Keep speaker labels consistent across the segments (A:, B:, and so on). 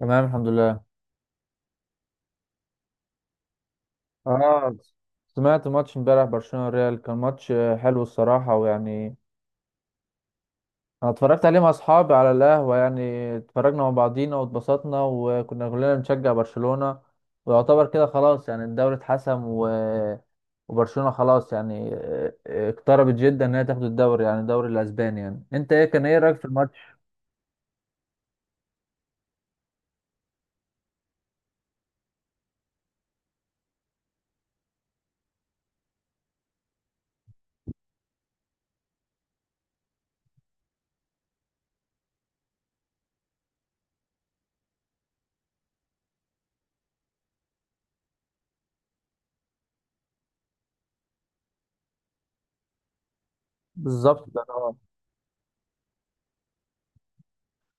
A: تمام، الحمد لله. اه، سمعت ماتش امبارح برشلونة والريال. كان ماتش حلو الصراحة، ويعني انا اتفرجت عليه مع اصحابي على القهوة يعني. اتفرجنا مع بعضينا واتبسطنا، وكنا كلنا بنشجع برشلونة. ويعتبر كده خلاص يعني الدوري اتحسم، و... وبرشلونة خلاص يعني اقتربت جدا ان هي تاخد الدوري، يعني الدوري الاسباني. يعني انت ايه، كان ايه رأيك في الماتش؟ بالظبط ده.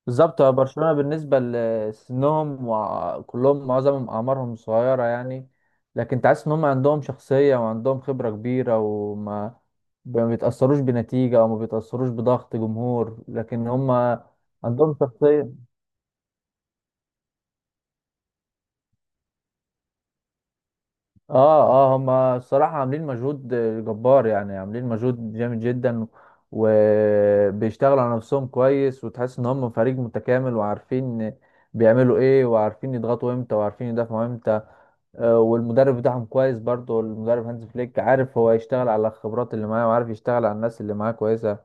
A: بالظبط، هو برشلونة بالنسبة لسنهم، وكلهم معظمهم أعمارهم صغيرة يعني، لكن تحس إن هم عندهم شخصية وعندهم خبرة كبيرة، وما ما بيتأثروش بنتيجة أو ما بيتأثروش بضغط جمهور، لكن هم عندهم شخصية. آه. آه، هم الصراحة عاملين مجهود جبار، يعني عاملين مجهود جامد جدا. وبيشتغلوا على نفسهم كويس، وتحس إن هم فريق متكامل وعارفين بيعملوا إيه وعارفين يضغطوا إمتى وعارفين يدافعوا إمتى. والمدرب بتاعهم كويس برضه، المدرب هانز فليك عارف هو يشتغل على الخبرات اللي معاه، وعارف يشتغل على الناس اللي معاه كويسه.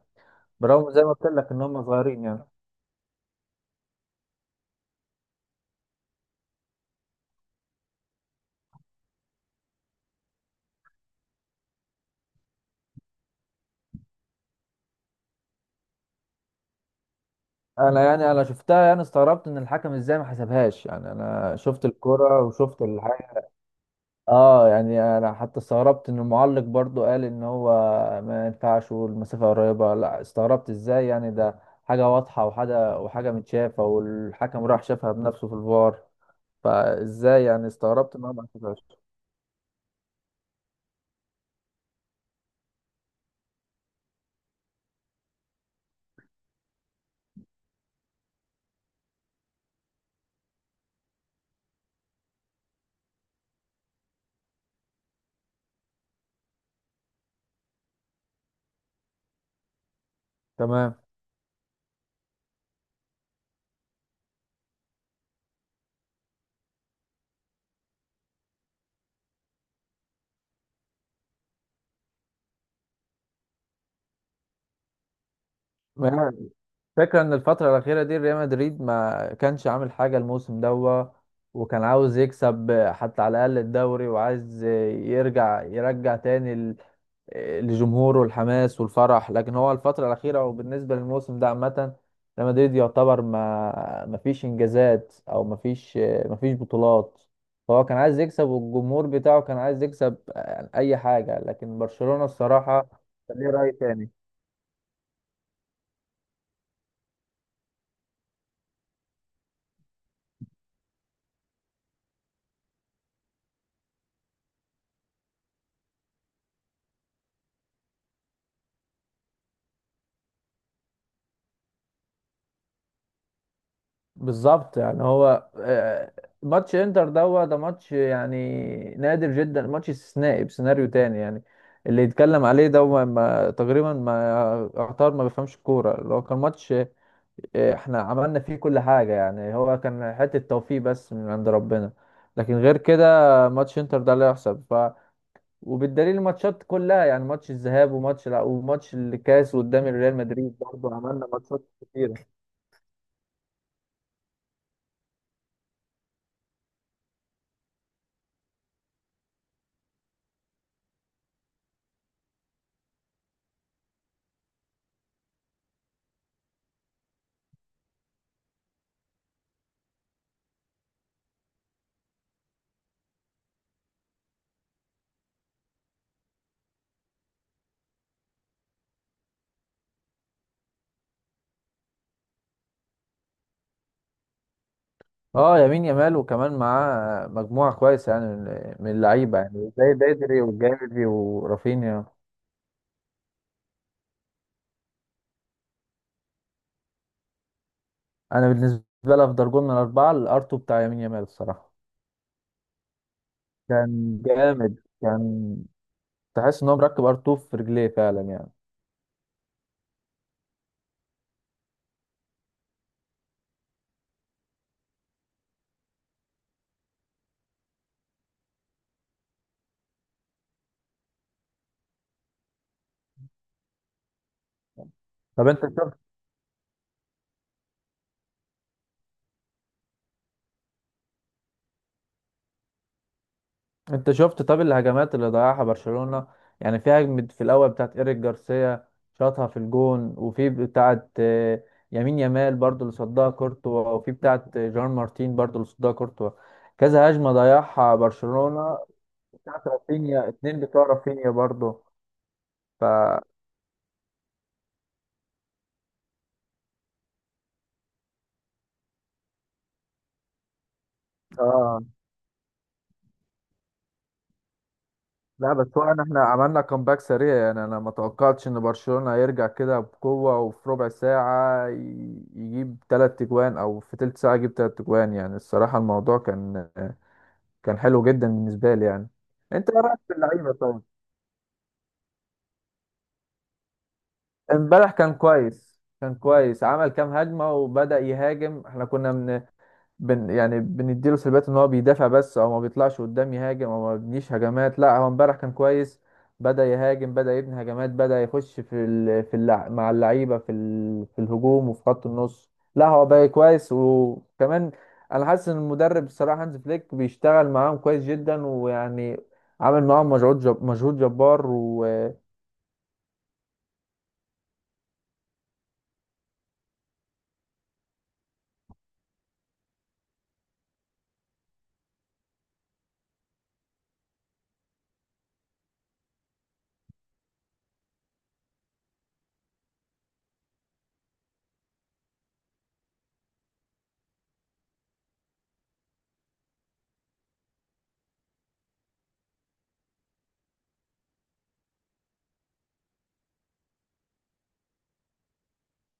A: برغم زي ما قلت لك ان هم صغيرين يعني. انا يعني شفتها، يعني استغربت ان الحكم ازاي ما حسبهاش. يعني انا شفت الكرة وشفت الحاجه. اه، يعني انا حتى استغربت ان المعلق برضه قال ان هو ما ينفعش والمسافه قريبه، لا استغربت ازاي يعني. ده حاجه واضحه، وحاجه متشافه، والحكم راح شافها بنفسه في الفار، فازاي يعني استغربت ان هو ما حسبهاش. تمام. فكرة ان الفترة الأخيرة دي ريال مدريد ما كانش عامل حاجة الموسم دوا، وكان عاوز يكسب حتى على الأقل الدوري، وعايز يرجع تاني لجمهوره الحماس والفرح. لكن هو الفترة الأخيرة وبالنسبة للموسم ده عامة، ريال مدريد يعتبر ما فيش إنجازات أو ما فيش بطولات. فهو كان عايز يكسب، والجمهور بتاعه كان عايز يكسب أي حاجة. لكن برشلونة الصراحة كان ليه رأي تاني. بالظبط، يعني هو، ماتش انتر دوت ده ماتش يعني نادر جدا، ماتش استثنائي بسيناريو تاني يعني. اللي يتكلم عليه ده هو ما تقريبا ما يعتبر ما بيفهمش الكوره. اللي هو كان ماتش احنا عملنا فيه كل حاجه، يعني هو كان حته توفيق بس من عند ربنا. لكن غير كده ماتش انتر ده لا يحسب. وبالدليل الماتشات كلها، يعني ماتش الذهاب وماتش لا وماتش الكاس قدام ريال مدريد برضه، عملنا ماتشات كتير. اه، يمين يامال وكمان معاه مجموعة كويسة يعني من اللعيبة، يعني زي بدري وجافي ورافينيا. أنا بالنسبة لي أفضل جول من الأربعة الأرتو بتاع يمين يامال الصراحة. كان جامد. كان تحس إن هو مركب أرتو في رجليه فعلا يعني. طب أنت شفت، انت شفت طب الهجمات اللي ضيعها برشلونة؟ يعني في هجمة في الاول بتاعت ايريك جارسيا، شاطها في الجون، وفي بتاعت يمين يمال برضو اللي صدها كورتوا، وفي بتاعت جان مارتين برضو اللي صدها كورتوا. كذا هجمة ضيعها برشلونة، بتاعت رافينيا، اتنين بتوع رافينيا برضو. ف اه، لا، بس هو إن احنا عملنا كومباك سريع، يعني انا ما توقعتش ان برشلونة هيرجع كده بقوة، وفي ربع ساعة يجيب تلات تجوان، او في تلت ساعة يجيب تلات تجوان. يعني الصراحة الموضوع كان حلو جدا بالنسبة لي يعني. انت ايه رأيك في اللعيبة طيب؟ امبارح كان كويس، كان كويس، عمل كام هجمة وبدأ يهاجم. احنا كنا من بن يعني بنديله سلبيات ان هو بيدافع بس او ما بيطلعش قدام يهاجم او ما بيبنيش هجمات. لا، هو امبارح كان كويس. بدأ يهاجم، بدأ يبني هجمات، بدأ يخش في ال... في اللع... مع اللعيبة في الهجوم وفي خط النص. لا، هو بقى كويس. وكمان انا حاسس ان المدرب الصراحة هانز فليك بيشتغل معاهم كويس جدا ويعني عامل معاهم مجهود جبار و...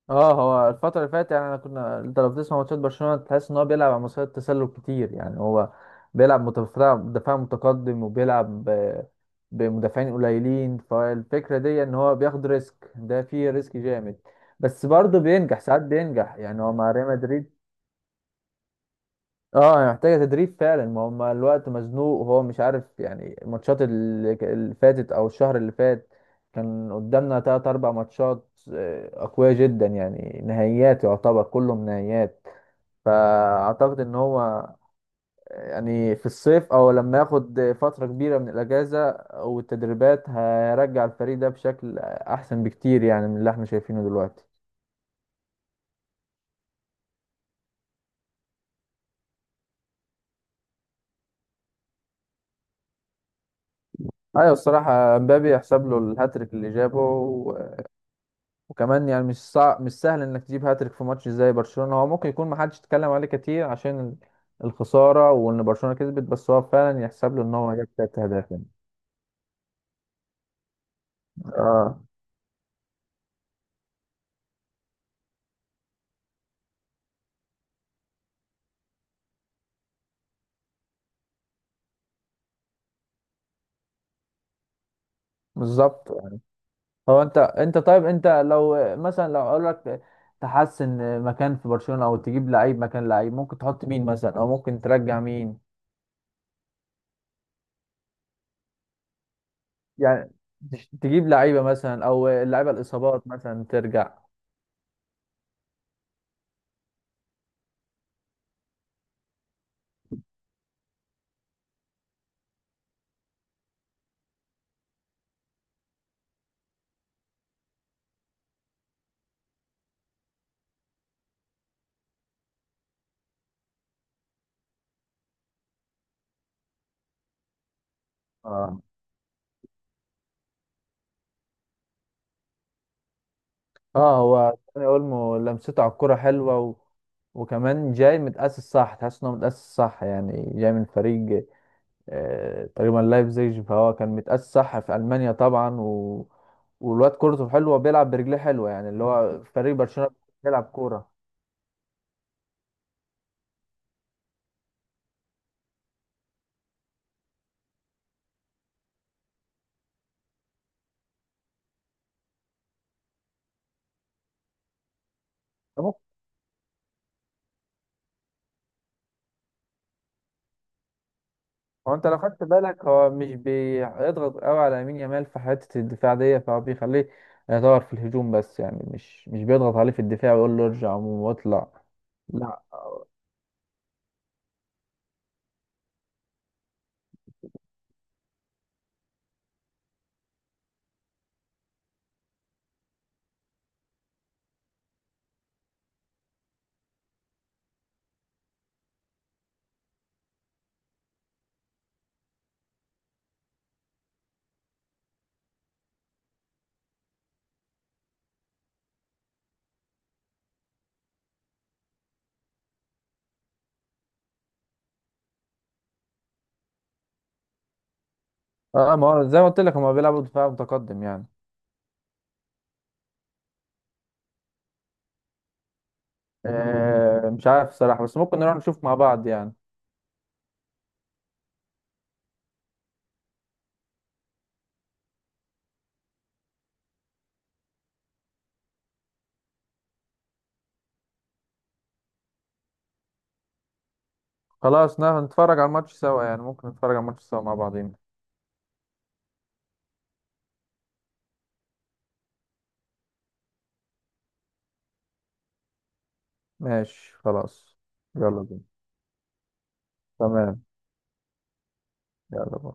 A: اه، هو الفترة اللي فاتت، يعني انا كنا، انت لو بتسمع ماتشات برشلونة تحس ان هو بيلعب على مستوى التسلل كتير. يعني هو بيلعب متفرع، دفاع متقدم، وبيلعب بمدافعين قليلين. فالفكرة دي ان هو بياخد ريسك، ده فيه ريسك جامد، بس برضه بينجح، ساعات بينجح يعني هو مع ريال مدريد. اه، هي محتاجة تدريب فعلا. ما هم الوقت مزنوق، وهو مش عارف يعني الماتشات اللي فاتت او الشهر اللي فات، كان قدامنا تلات اربع ماتشات اقوياء جدا، يعني نهائيات يعتبر كلهم نهائيات. فاعتقد ان هو يعني في الصيف، او لما ياخد فترة كبيرة من الاجازة والتدريبات، هيرجع الفريق ده بشكل احسن بكتير يعني من اللي احنا شايفينه دلوقتي. ايوه، الصراحة مبابي يحسب له الهاتريك اللي جابه، وكمان يعني مش صعب، مش سهل انك تجيب هاتريك في ماتش زي برشلونة. هو ممكن يكون محدش اتكلم عليه كتير عشان الخسارة وان برشلونة كسبت، بس هو فعلا يحسب له ان هو جاب تلات اهداف يعني. اه، بالظبط. هو انت طيب، انت لو مثلا لو اقول لك تحسن مكان في برشلونة او تجيب لعيب مكان لعيب، ممكن تحط مين مثلا، او ممكن ترجع مين؟ يعني تجيب لعيبة مثلا، او اللعيبة الاصابات مثلا ترجع. اه، اه، هو داني اولمو لمسته على الكرة حلوة، و... وكمان جاي متأسس صح، تحس انه متأسس صح يعني. جاي من فريق آه تقريبا لايبزيج، فهو كان متأسس صح في ألمانيا طبعا، و... والواد كورته حلوة، بيلعب برجليه حلوة، يعني اللي هو فريق برشلونة بيلعب كورة. هو انت لو خدت بالك، هو مش بيضغط قوي على يمين يامال في حتة الدفاع دي، فهو بيخليه يدور في الهجوم بس. يعني مش بيضغط عليه في الدفاع ويقول له ارجع عموما واطلع. لا، اه، ما هو زي ما قلت لك هما بيلعبوا دفاع متقدم يعني. آه، مش عارف صراحة، بس ممكن نروح نشوف مع بعض يعني. خلاص نتفرج على الماتش سوا، يعني ممكن نتفرج على الماتش سوا مع بعضين. ماشي، خلاص. يلا بينا. تمام. يلا باي.